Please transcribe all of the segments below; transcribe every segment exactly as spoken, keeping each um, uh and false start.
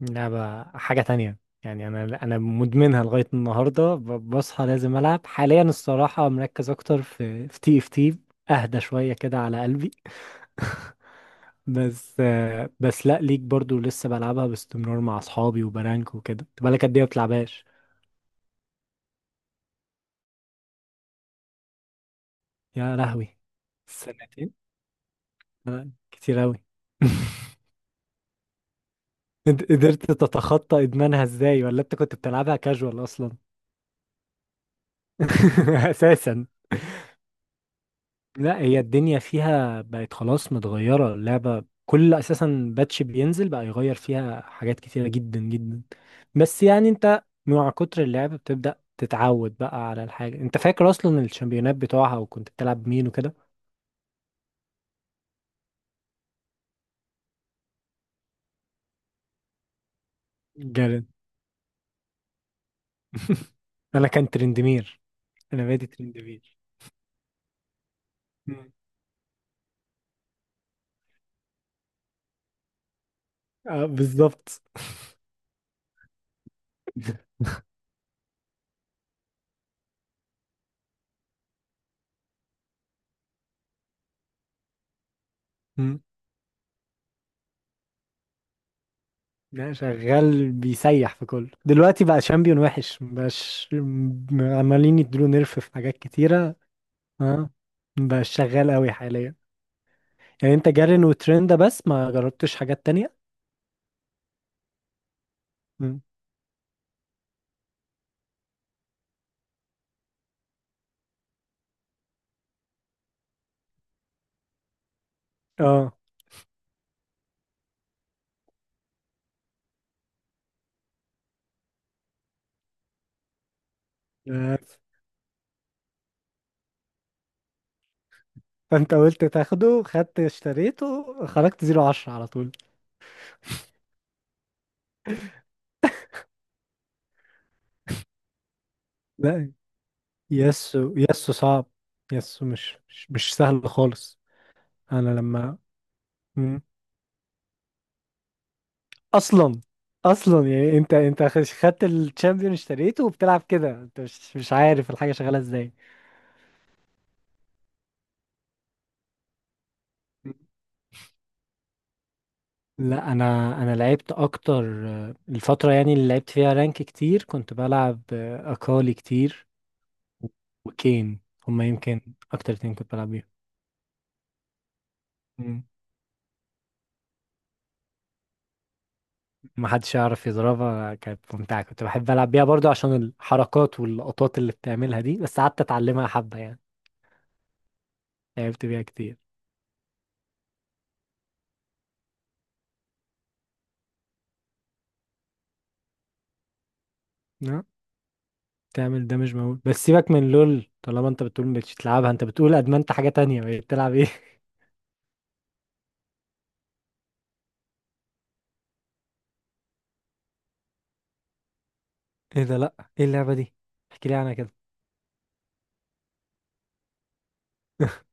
لعبة حاجة تانية. يعني أنا أنا مدمنها لغاية النهاردة، ب- بصحى لازم ألعب حاليا. الصراحة مركز أكتر في في تي اف تي. أهدى شوية كده على قلبي. بس آه، بس لأ، ليك برضو لسه بلعبها باستمرار مع أصحابي وبرانك وكده. انت بقالك قد إيه ما بتلعبهاش؟ يا لهوي، سنتين؟ آه، كتير أوي. انت قدرت تتخطى إدمانها إزاي، ولا أنت كنت بتلعبها كاجوال أصلا؟ أساسا، لا هي الدنيا فيها بقت خلاص متغيرة. اللعبة كل أساسا باتش بينزل بقى يغير فيها حاجات كتيرة جدا جدا. بس يعني أنت مع كتر اللعب بتبدأ تتعود بقى على الحاجة. أنت فاكر أصلا الشامبيونات بتوعها وكنت بتلعب مين وكده؟ جارين. أنا كان ترندمير. أنا بادي ترندمير. مم. اه، بالظبط. مم. لا، شغال بيسيح في كله دلوقتي. بقى شامبيون وحش. مبقاش، م- عمالين يديله نيرف في حاجات كتيرة. اه، بقى شغال قوي حاليا. يعني انت جارين وترند بس ما جربتش حاجات تانية؟ مم. اه. بس. فانت قلت تاخده، خدت اشتريته، خرجت زيرو عشرة على طول. لا. يسو يسو صعب. يسو مش مش, مش سهل خالص. انا لما. مم. اصلا. اصلا يعني انت انت خ- خدت الشامبيون اشتريته وبتلعب كده، انت مش مش عارف الحاجة شغالة ازاي. لا، انا انا لعبت اكتر، آه، الفتره يعني اللي لعبت فيها رانك كتير كنت بلعب آه، اكالي كتير. و- وكين. هما يمكن اكتر اتنين كنت بلعب بيهم. مم. ما حدش يعرف يضربها، كانت ممتعه. كنت بحب العب بيها برضو عشان الحركات واللقطات اللي بتعملها دي، بس قعدت اتعلمها حبه يعني. لعبت بيها كتير. نعم. تعمل دامج مول. بس سيبك من لول، طالما انت بتقول مش تلعبها، انت بتقول ادمنت حاجه تانية. بقيت بتلعب ايه؟ ايه ده؟ لا، ايه اللعبه دي؟ احكي لي عنها كده.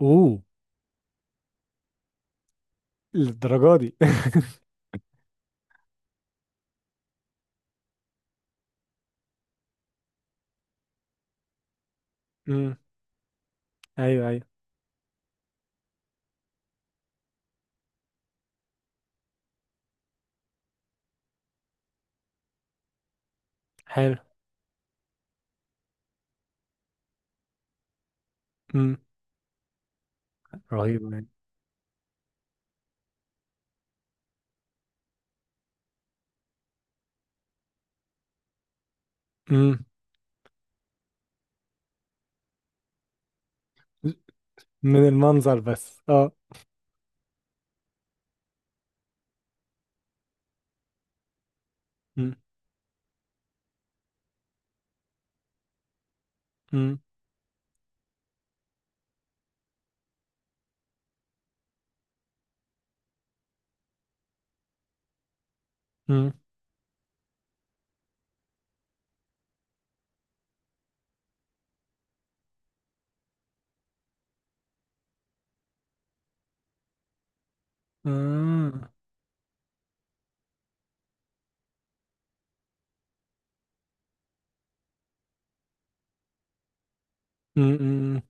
اوه، للدرجه دي؟ امم. ايوه ايوه. حلو. امم. رهيب يعني. امم. من المنظر بس اه. امم. امم. امم. آه. أمم، أمم.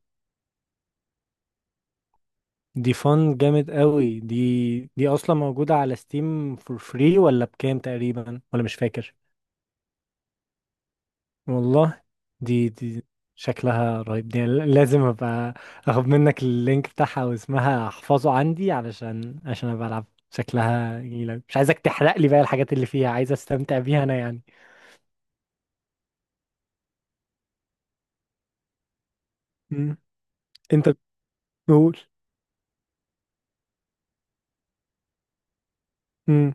دي فن جامد قوي دي. دي اصلا موجودة على ستيم فور فري ولا بكام تقريبا، ولا مش فاكر؟ والله. دي دي شكلها رهيب. دي لازم ابقى اخد منك اللينك بتاعها واسمها احفظه عندي علشان عشان ابقى العب. شكلها جميلة، مش عايزك تحرق لي بقى الحاجات اللي فيها، عايز استمتع بيها انا يعني. انت بتقول. امم.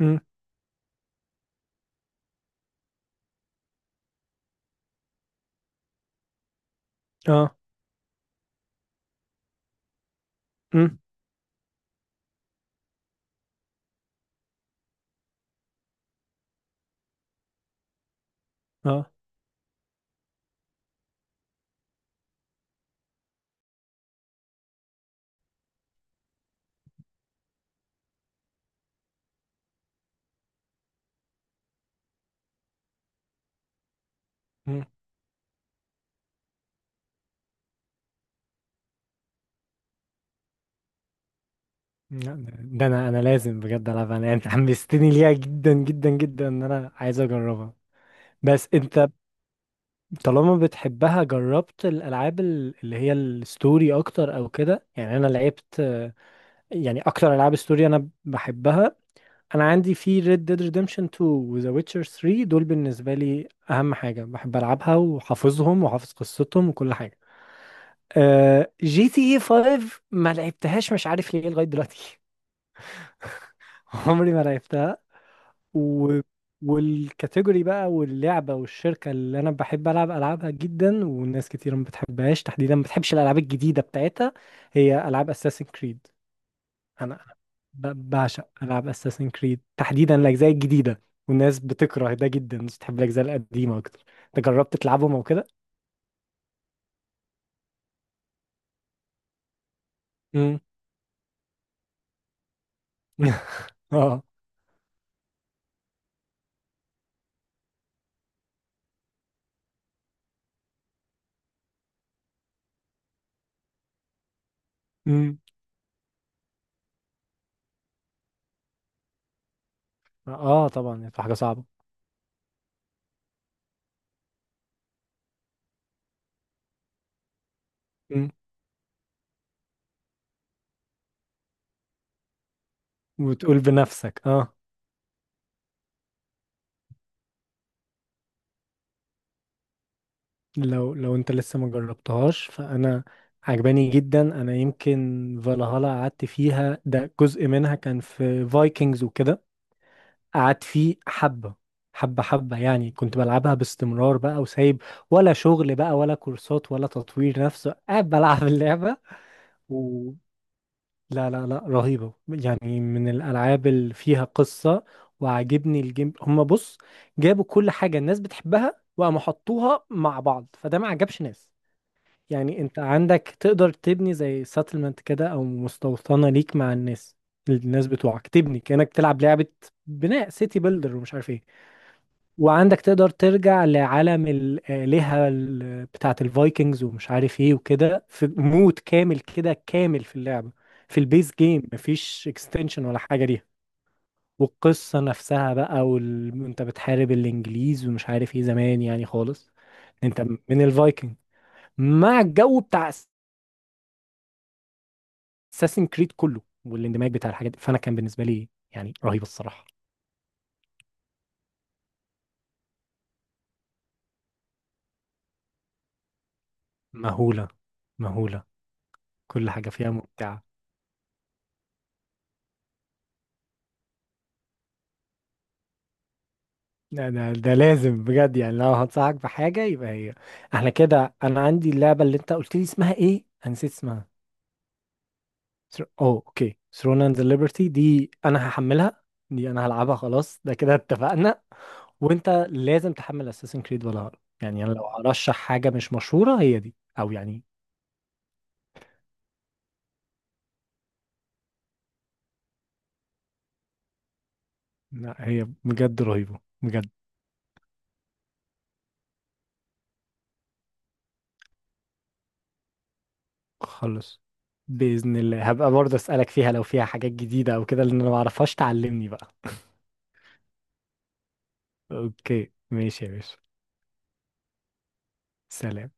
امم. اه. امم. اه. امم. لا، ده ده انا انا لازم بجد العبها. انا انت حمستني ليها جدا جدا جدا ان انا عايز اجربها. بس انت طالما بتحبها، جربت الالعاب ال- اللي هي الستوري اكتر او كده؟ يعني انا لعبت، آه، يعني اكتر العاب ستوري انا بحبها. انا عندي في Red Dead Redemption تو و The Witcher ثري، دول بالنسبة لي اهم حاجة بحب العبها وحافظهم وحافظ قصتهم وكل حاجة. آه، جي تي اي فايف ما لعبتهاش مش عارف ليه لغاية دلوقتي. عمري ما لعبتها. و... والكاتيجوري بقى واللعبة والشركة اللي أنا بحب ألعب ألعابها جدا، والناس كتير ما بتحبهاش، تحديدا ما بتحبش الألعاب الجديدة بتاعتها. هي ألعاب أساسن كريد. أنا ب- بعشق ألعاب أساسن كريد تحديدا الأجزاء الجديدة. والناس بتكره ده جدا، الناس بتحب الأجزاء القديمة أكتر. أنت جربت تلعبهم أو كده؟ مم. اه. مم. اه طبعا هتبقى حاجة صعبة. وتقول بنفسك اه. لو لو انت لسه ما جربتهاش، فانا عجباني جدا انا. يمكن فالهالا قعدت فيها، ده جزء منها كان في فايكنجز وكده. قعدت فيه حبة، حبة حبة يعني كنت بلعبها باستمرار بقى، وسايب ولا شغل بقى ولا كورسات ولا تطوير نفسه، قاعد بلعب اللعبة. لا لا لا، رهيبة يعني من الألعاب اللي فيها قصة. وعاجبني الجيم. هما بص، جابوا كل حاجة الناس بتحبها وقاموا حطوها مع بعض فده ما عجبش ناس. يعني انت عندك تقدر تبني زي ساتلمنت كده او مستوطنة ليك مع الناس، الناس بتوعك تبني، كأنك تلعب لعبة بناء سيتي بيلدر ومش عارف ايه. وعندك تقدر ترجع لعالم الآلهة ال- بتاعت الفايكنجز ومش عارف ايه وكده، في مود كامل كده كامل في اللعبة. في البيس جيم مفيش اكستنشن ولا حاجة ليها. والقصة نفسها بقى، وال... انت بتحارب الانجليز ومش عارف ايه زمان يعني خالص. انت من الفايكنج، مع الجو بتاع اساسن كريد كله، والاندماج بتاع الحاجات دي. فانا كان بالنسبة لي يعني رهيبة الصراحة. مهولة. مهولة. كل حاجة فيها ممتعة. لا، ده ده لازم بجد يعني، لو هنصحك بحاجة يبقى هي. احنا كده. انا عندي اللعبة، اللي انت قلت لي اسمها ايه؟ انا نسيت اسمها. ثر- اوه اوكي، ثرون اند ليبرتي. دي انا هحملها. دي انا هلعبها خلاص، ده كده اتفقنا. وانت لازم تحمل اساسن كريد، ولا هقرا يعني. انا لو هرشح حاجة مش مشهورة، هي دي او يعني. لا، هي بجد رهيبة بجد. خلص. بإذن الله هبقى برضه اسألك فيها لو فيها حاجات جديدة او كده، لان انا معرفهاش. تعلمني بقى. اوكي ماشي يا باشا. سلام.